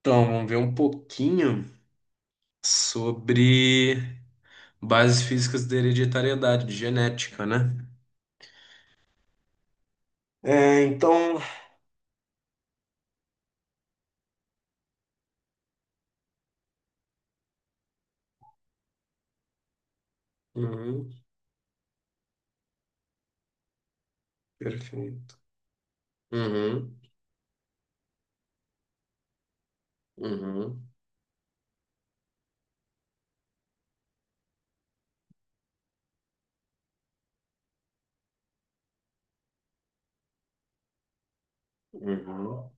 Então, vamos ver um pouquinho sobre bases físicas da hereditariedade, de genética, né? É, então. Uhum, perfeito. Uhum, uhum, uhum.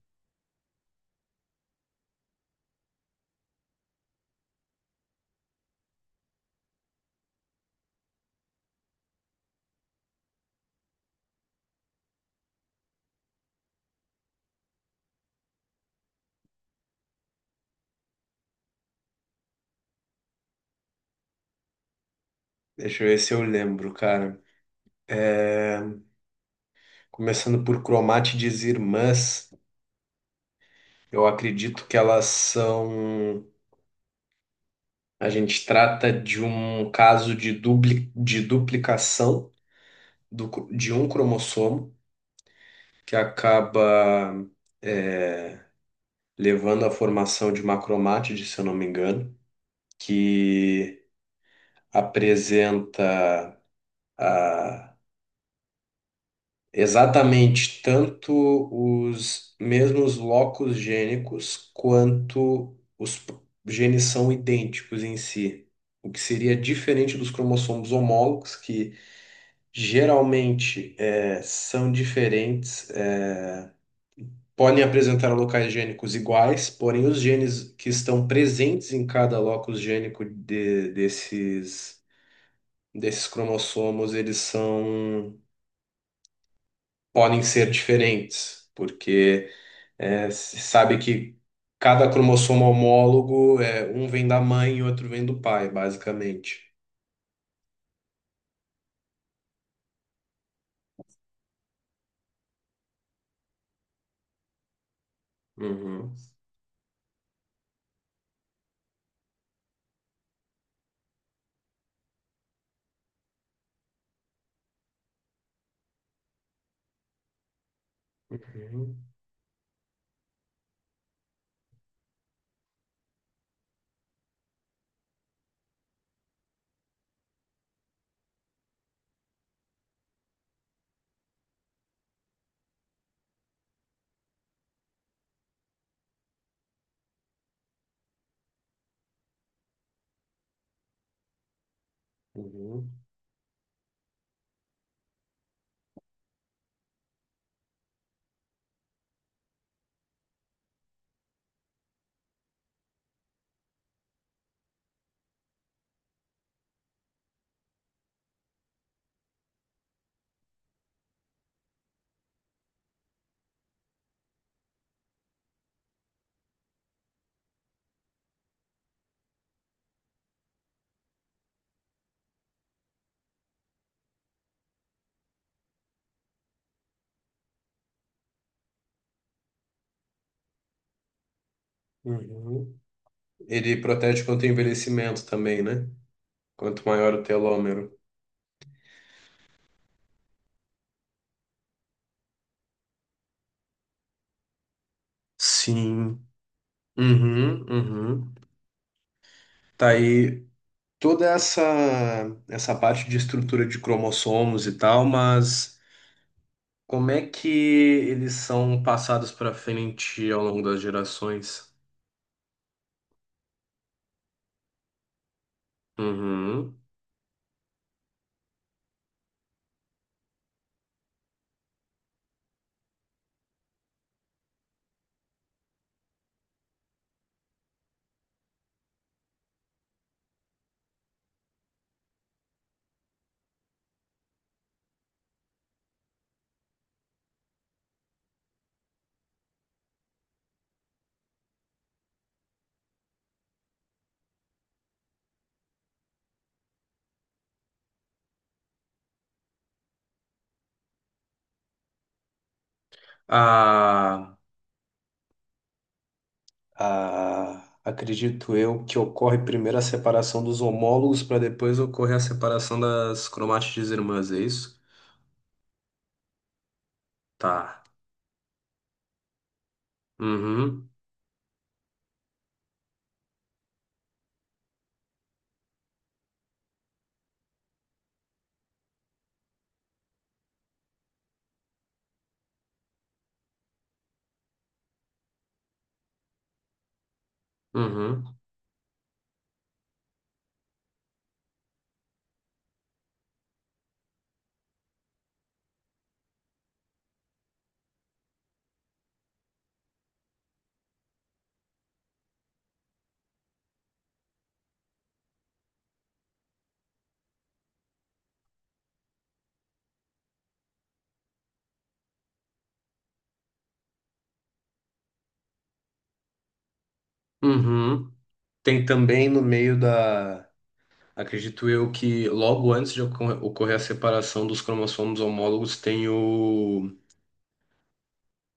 Deixa eu ver se eu lembro, cara. É, Começando por cromátides irmãs, eu acredito que elas são. A gente trata de um caso de, duplicação de um cromossomo que acaba é, levando à formação de uma cromátide, se eu não me engano, que apresenta ah, exatamente tanto os mesmos locos gênicos quanto genes são idênticos em si. O que seria diferente dos cromossomos homólogos, que geralmente são diferentes, podem apresentar locais gênicos iguais, porém os genes que estão presentes em cada locus gênico desses, desses cromossomos, eles são, podem ser diferentes, porque é, se sabe que cada cromossomo homólogo, é, um vem da mãe e outro vem do pai, basicamente. Uhum, uhum, uhum, uhum. Ele protege contra o envelhecimento também, né? Quanto maior o telômero. Sim. Uhum, uhum. Tá aí toda essa parte de estrutura de cromossomos e tal, mas como é que eles são passados para frente ao longo das gerações? Uhum. A, Acredito eu que ocorre primeiro a separação dos homólogos para depois ocorrer a separação das cromátides irmãs, é isso? Tá. Uhum. Uhum. Uhum. Tem também no meio da. Acredito eu que logo antes de ocorrer a separação dos cromossomos homólogos tem o,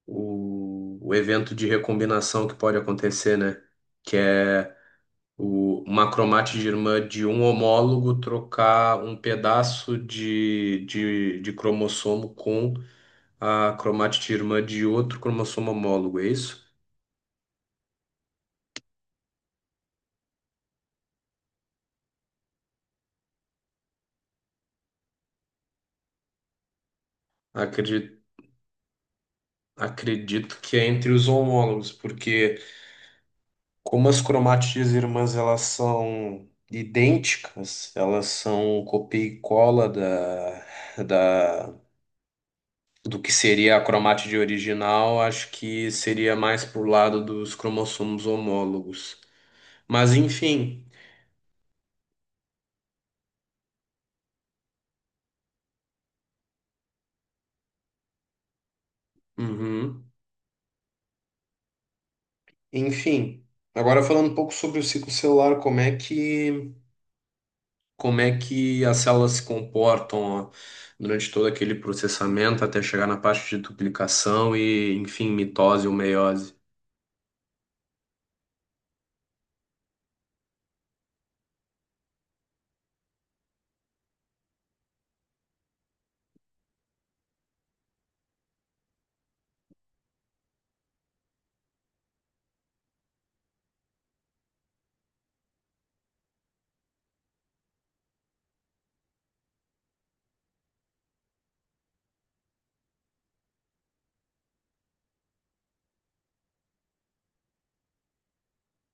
o, o evento de recombinação que pode acontecer, né? Que é uma cromátide irmã de um homólogo trocar um pedaço de cromossomo com a cromátide irmã de outro cromossomo homólogo, é isso? Acredito, Acredito que é entre os homólogos, porque. Como as cromatias irmãs elas são idênticas, elas são copia e cola da, do que seria a cromátide original, acho que seria mais pro lado dos cromossomos homólogos. Mas enfim, uhum, enfim. Agora falando um pouco sobre o ciclo celular, como é que as células se comportam ó, durante todo aquele processamento até chegar na parte de duplicação e, enfim, mitose ou meiose.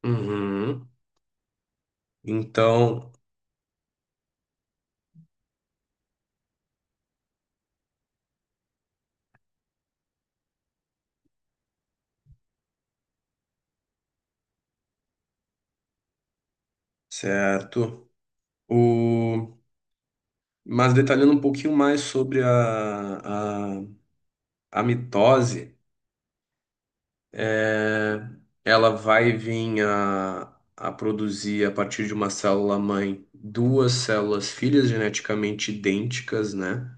Uhum. Então, certo. O... Mas detalhando um pouquinho mais sobre a mitose, é, ela vai vir a produzir, a partir de uma célula-mãe, duas células filhas geneticamente idênticas, né?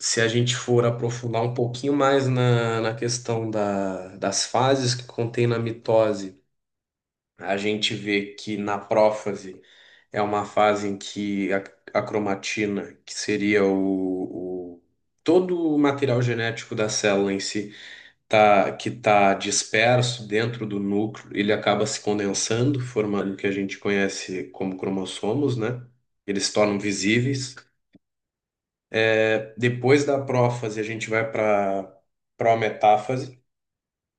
Se a gente for aprofundar um pouquinho mais na questão das fases que contém na mitose, a gente vê que na prófase é uma fase em que a cromatina, que seria todo o material genético da célula em si, tá, que está disperso dentro do núcleo, ele acaba se condensando, formando o que a gente conhece como cromossomos, né? Eles se tornam visíveis. Depois da prófase, a gente vai para prometáfase,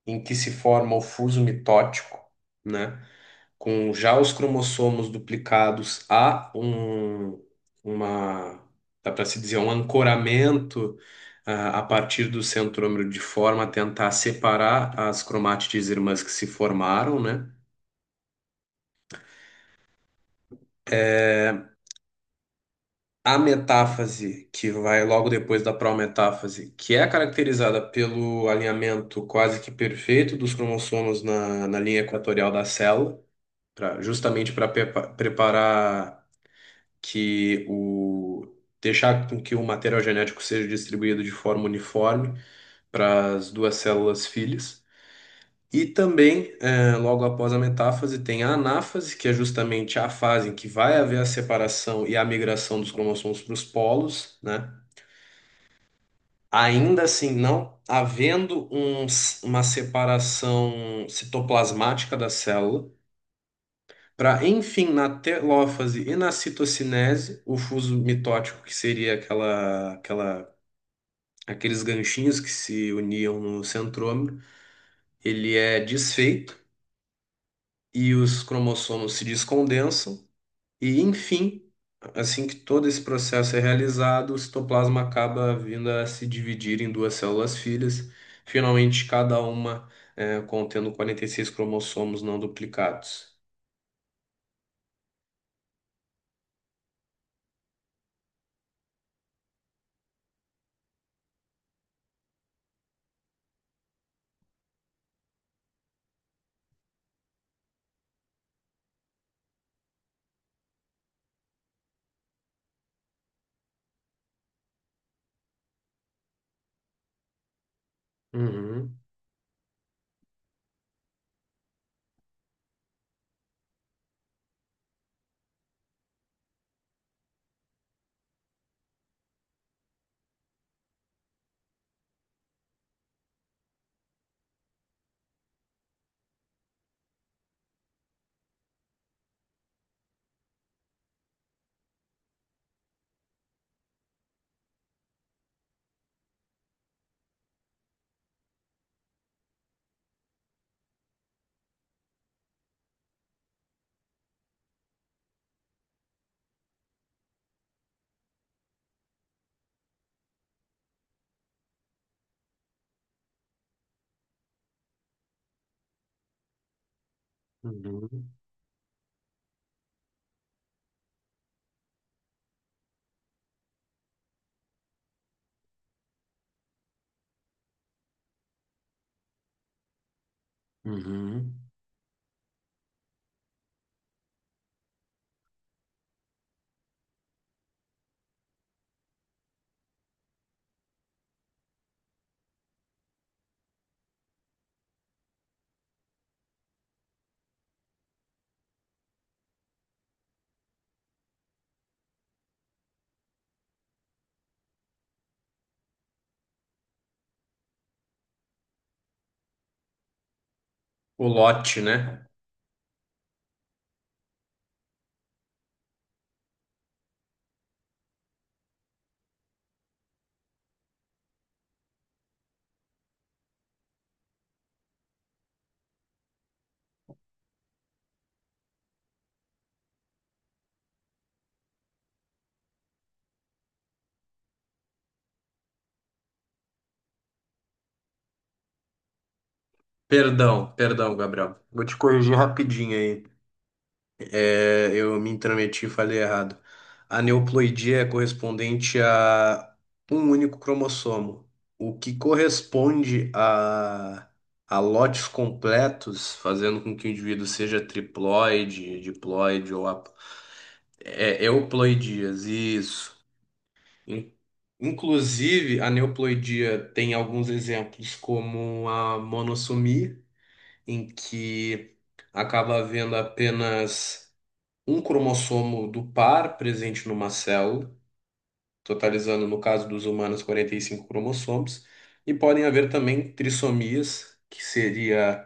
em que se forma o fuso mitótico, né? Com já os cromossomos duplicados, uma, dá para se dizer, um ancoramento a partir do centrômero de forma a tentar separar as cromátides irmãs que se formaram, né? É, A metáfase, que vai logo depois da prometáfase, que é caracterizada pelo alinhamento quase que perfeito dos cromossomos na linha equatorial da célula, justamente para preparar que o deixar com que o material genético seja distribuído de forma uniforme para as duas células filhas. E também, logo após a metáfase, tem a anáfase, que é justamente a fase em que vai haver a separação e a migração dos cromossomos para os polos, né? Ainda assim, não havendo uma separação citoplasmática da célula, para, enfim, na telófase e na citocinese, o fuso mitótico, que seria aqueles ganchinhos que se uniam no centrômero, ele é desfeito e os cromossomos se descondensam. E, enfim, assim que todo esse processo é realizado, o citoplasma acaba vindo a se dividir em duas células filhas, finalmente cada uma contendo 46 cromossomos não duplicados. Uhum, uhum, uhum. O lote, né? Perdão, Gabriel. Vou te corrigir rapidinho aí. É, eu me intrometi e falei errado. A neoploidia é correspondente a um único cromossomo. O que corresponde a lotes completos, fazendo com que o indivíduo seja triploide, diploide ou é, euploidias, isso. In- Inclusive, a neoploidia tem alguns exemplos, como a monossomia em que acaba havendo apenas um cromossomo do par presente numa célula, totalizando, no caso dos humanos, 45 cromossomos, e podem haver também trissomias, que seria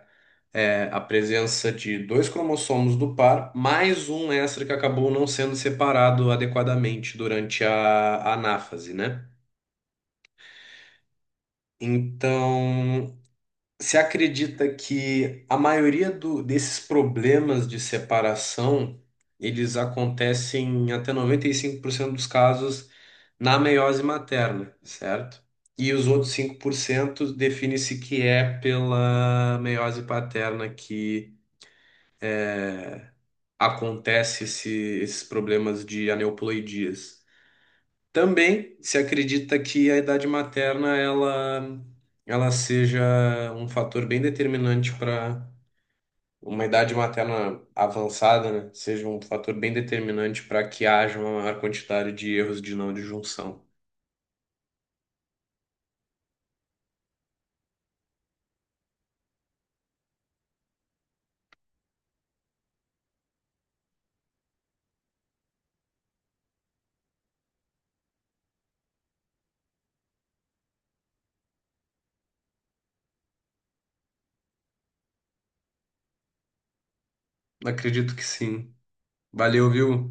a presença de dois cromossomos do par, mais um extra que acabou não sendo separado adequadamente durante a anáfase, né? Então, você acredita que a maioria desses problemas de separação, eles acontecem em até 95% dos casos na meiose materna, certo? E os outros 5% define-se que é pela meiose paterna que acontece esses problemas de aneuploidias. Também se acredita que a idade materna ela seja um fator bem determinante para uma idade materna avançada, né, seja um fator bem determinante para que haja uma maior quantidade de erros de não disjunção. Acredito que sim. Valeu, viu?